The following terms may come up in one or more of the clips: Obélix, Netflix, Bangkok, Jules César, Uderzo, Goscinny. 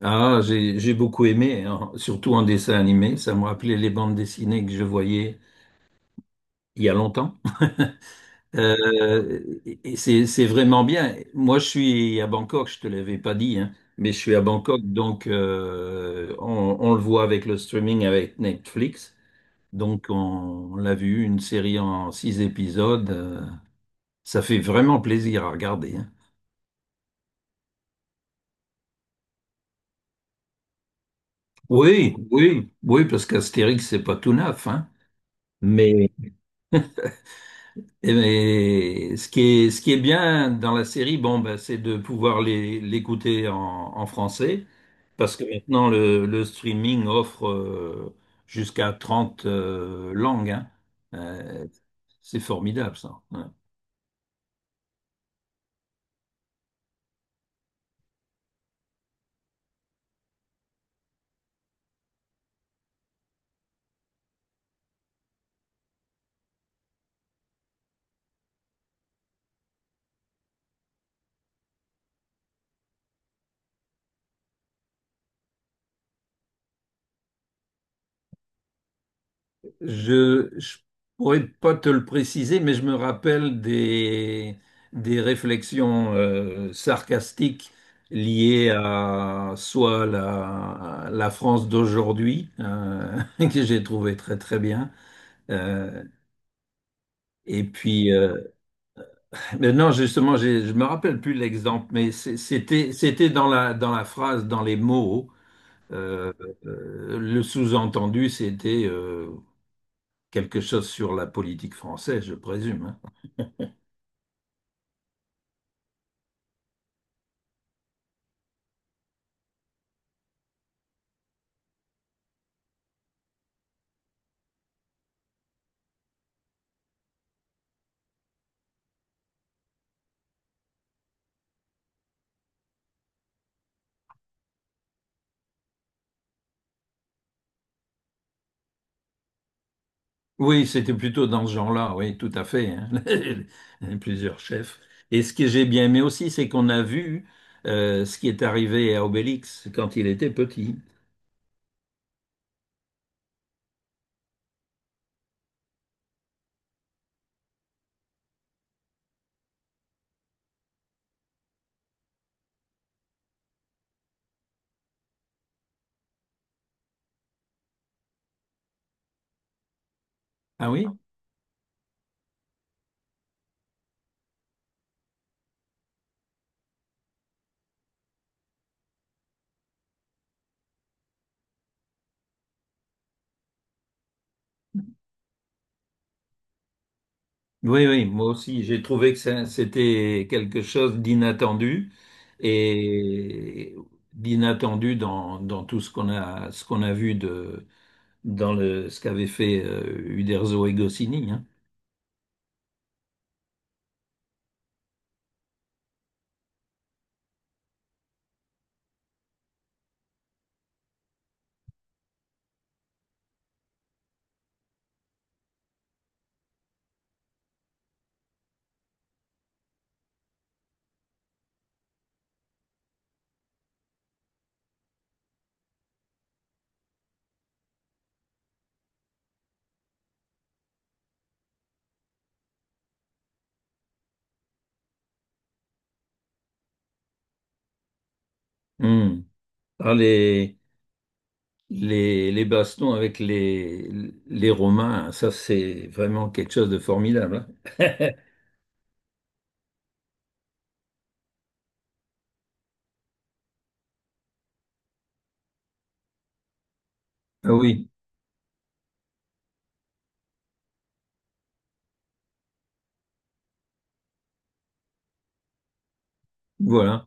Ah, j'ai beaucoup aimé, hein, surtout en dessin animé. Ça m'a rappelé les bandes dessinées que je voyais il y a longtemps. Et c'est vraiment bien. Moi, je suis à Bangkok. Je te l'avais pas dit, hein, mais je suis à Bangkok, donc on le voit avec le streaming avec Netflix. Donc, on l'a vu une série en six épisodes. Ça fait vraiment plaisir à regarder, hein. Oui, oui, oui, parce qu'Astérix, c'est pas tout neuf, hein. Mais mais ce qui est bien dans la série, bon, ben, c'est de pouvoir l'écouter en, en français, parce que maintenant le streaming offre jusqu'à 30 langues, hein. Euh, c'est formidable ça. Ouais. Je pourrais pas te le préciser, mais je me rappelle des réflexions sarcastiques liées à soit la, la France d'aujourd'hui, que j'ai trouvé très très bien, euh, et puis mais non justement je me rappelle plus l'exemple, mais c'était dans la phrase, dans les mots, euh, le sous-entendu c'était quelque chose sur la politique française, je présume, hein. Oui, c'était plutôt dans ce genre-là, oui, tout à fait, hein. Plusieurs chefs. Et ce que j'ai bien aimé aussi, c'est qu'on a vu ce qui est arrivé à Obélix quand il était petit. Ah oui? Oui, oui, moi aussi, j'ai trouvé que c'était quelque chose d'inattendu et d'inattendu dans, dans tout ce qu'on a vu de, dans le, ce qu'avait fait Uderzo et Goscinny, hein. Hmm. Ah, les- les bastons avec les Romains, ça c'est vraiment quelque chose de formidable, hein. Ah oui, voilà.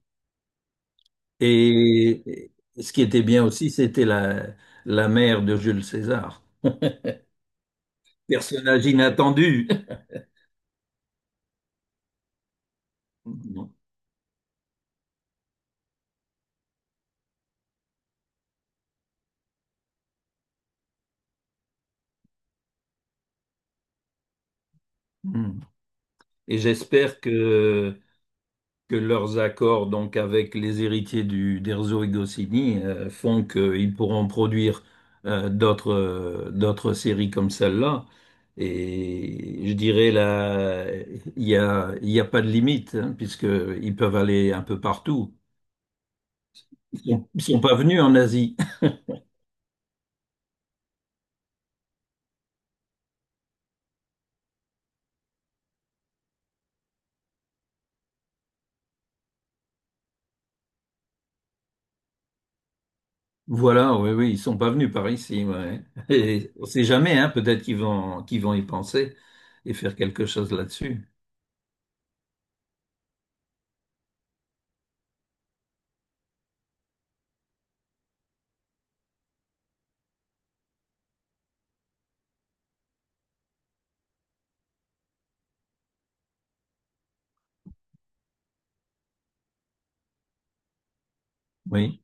Et ce qui était bien aussi, c'était la, la mère de Jules César. Personnage inattendu. Non. Mm. Et j'espère que leurs accords donc avec les héritiers du d'Erzo et Goscinny font qu'ils pourront produire euh, d'autres d'autres séries comme celle-là. Et je dirais là, il y a pas de limite, hein, puisque ils peuvent aller un peu partout. Ils sont pas venus en Asie. Voilà, oui, oui, ils sont pas venus par ici. Ouais. Et on sait jamais, hein, peut-être qu'ils vont y penser et faire quelque chose là-dessus. Oui.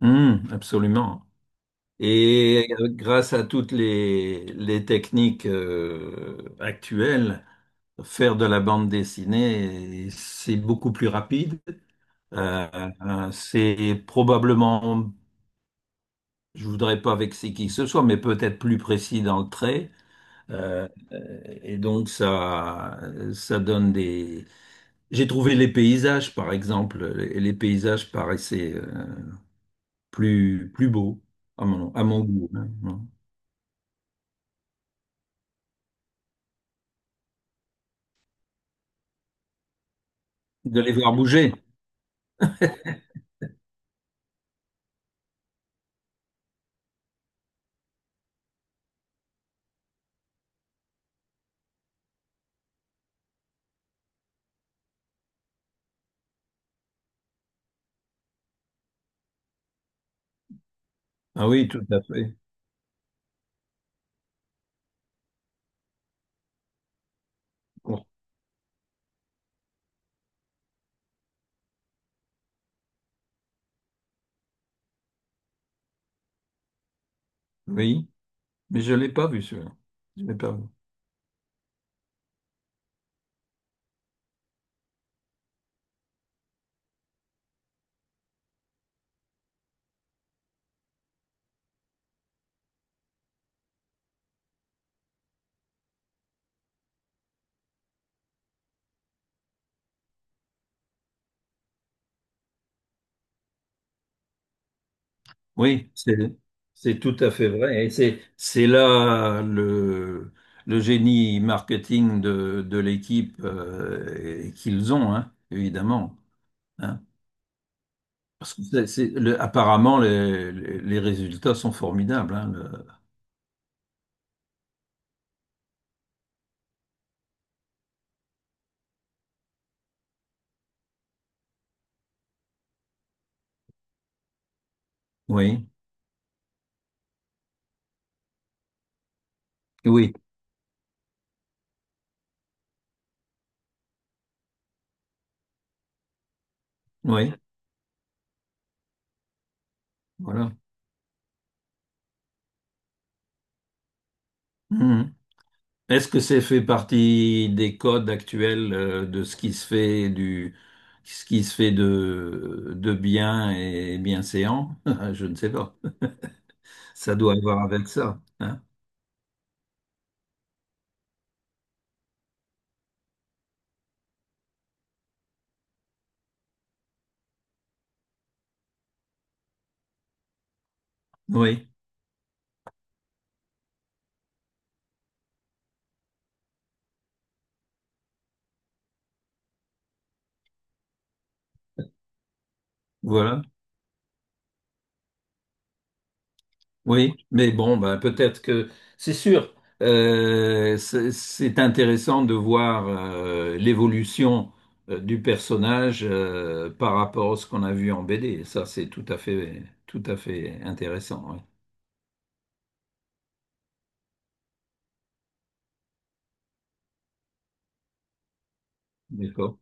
Absolument. Et grâce à toutes les techniques actuelles, faire de la bande dessinée, c'est beaucoup plus rapide. C'est probablement, je voudrais pas vexer qui que ce soit, mais peut-être plus précis dans le trait. Et donc ça donne des. J'ai trouvé les paysages, par exemple, et les paysages paraissaient plus plus beaux à mon goût, hein, hein. De les voir bouger. Ah oui, tout à fait. Bon. Oui, mais je ne l'ai pas vu celui-là. Je l'ai pas vu. Oui, c'est tout à fait vrai. Et c'est là le génie marketing de l'équipe et qu'ils ont, hein, évidemment, hein. Parce que apparemment, les, les résultats sont formidables, hein, oui, oui, oui, voilà. Mhm. Est-ce que c'est fait partie des codes actuels de ce qui se fait du ce qui se fait de bien et bienséant? Je ne sais pas. Ça doit avoir avec ça, hein. Oui, voilà. Oui, mais bon, ben, peut-être que c'est sûr. C'est intéressant de voir l'évolution du personnage par rapport à ce qu'on a vu en BD. Ça, c'est tout à fait intéressant, oui. D'accord.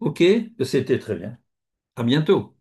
Ok, c'était très bien. À bientôt.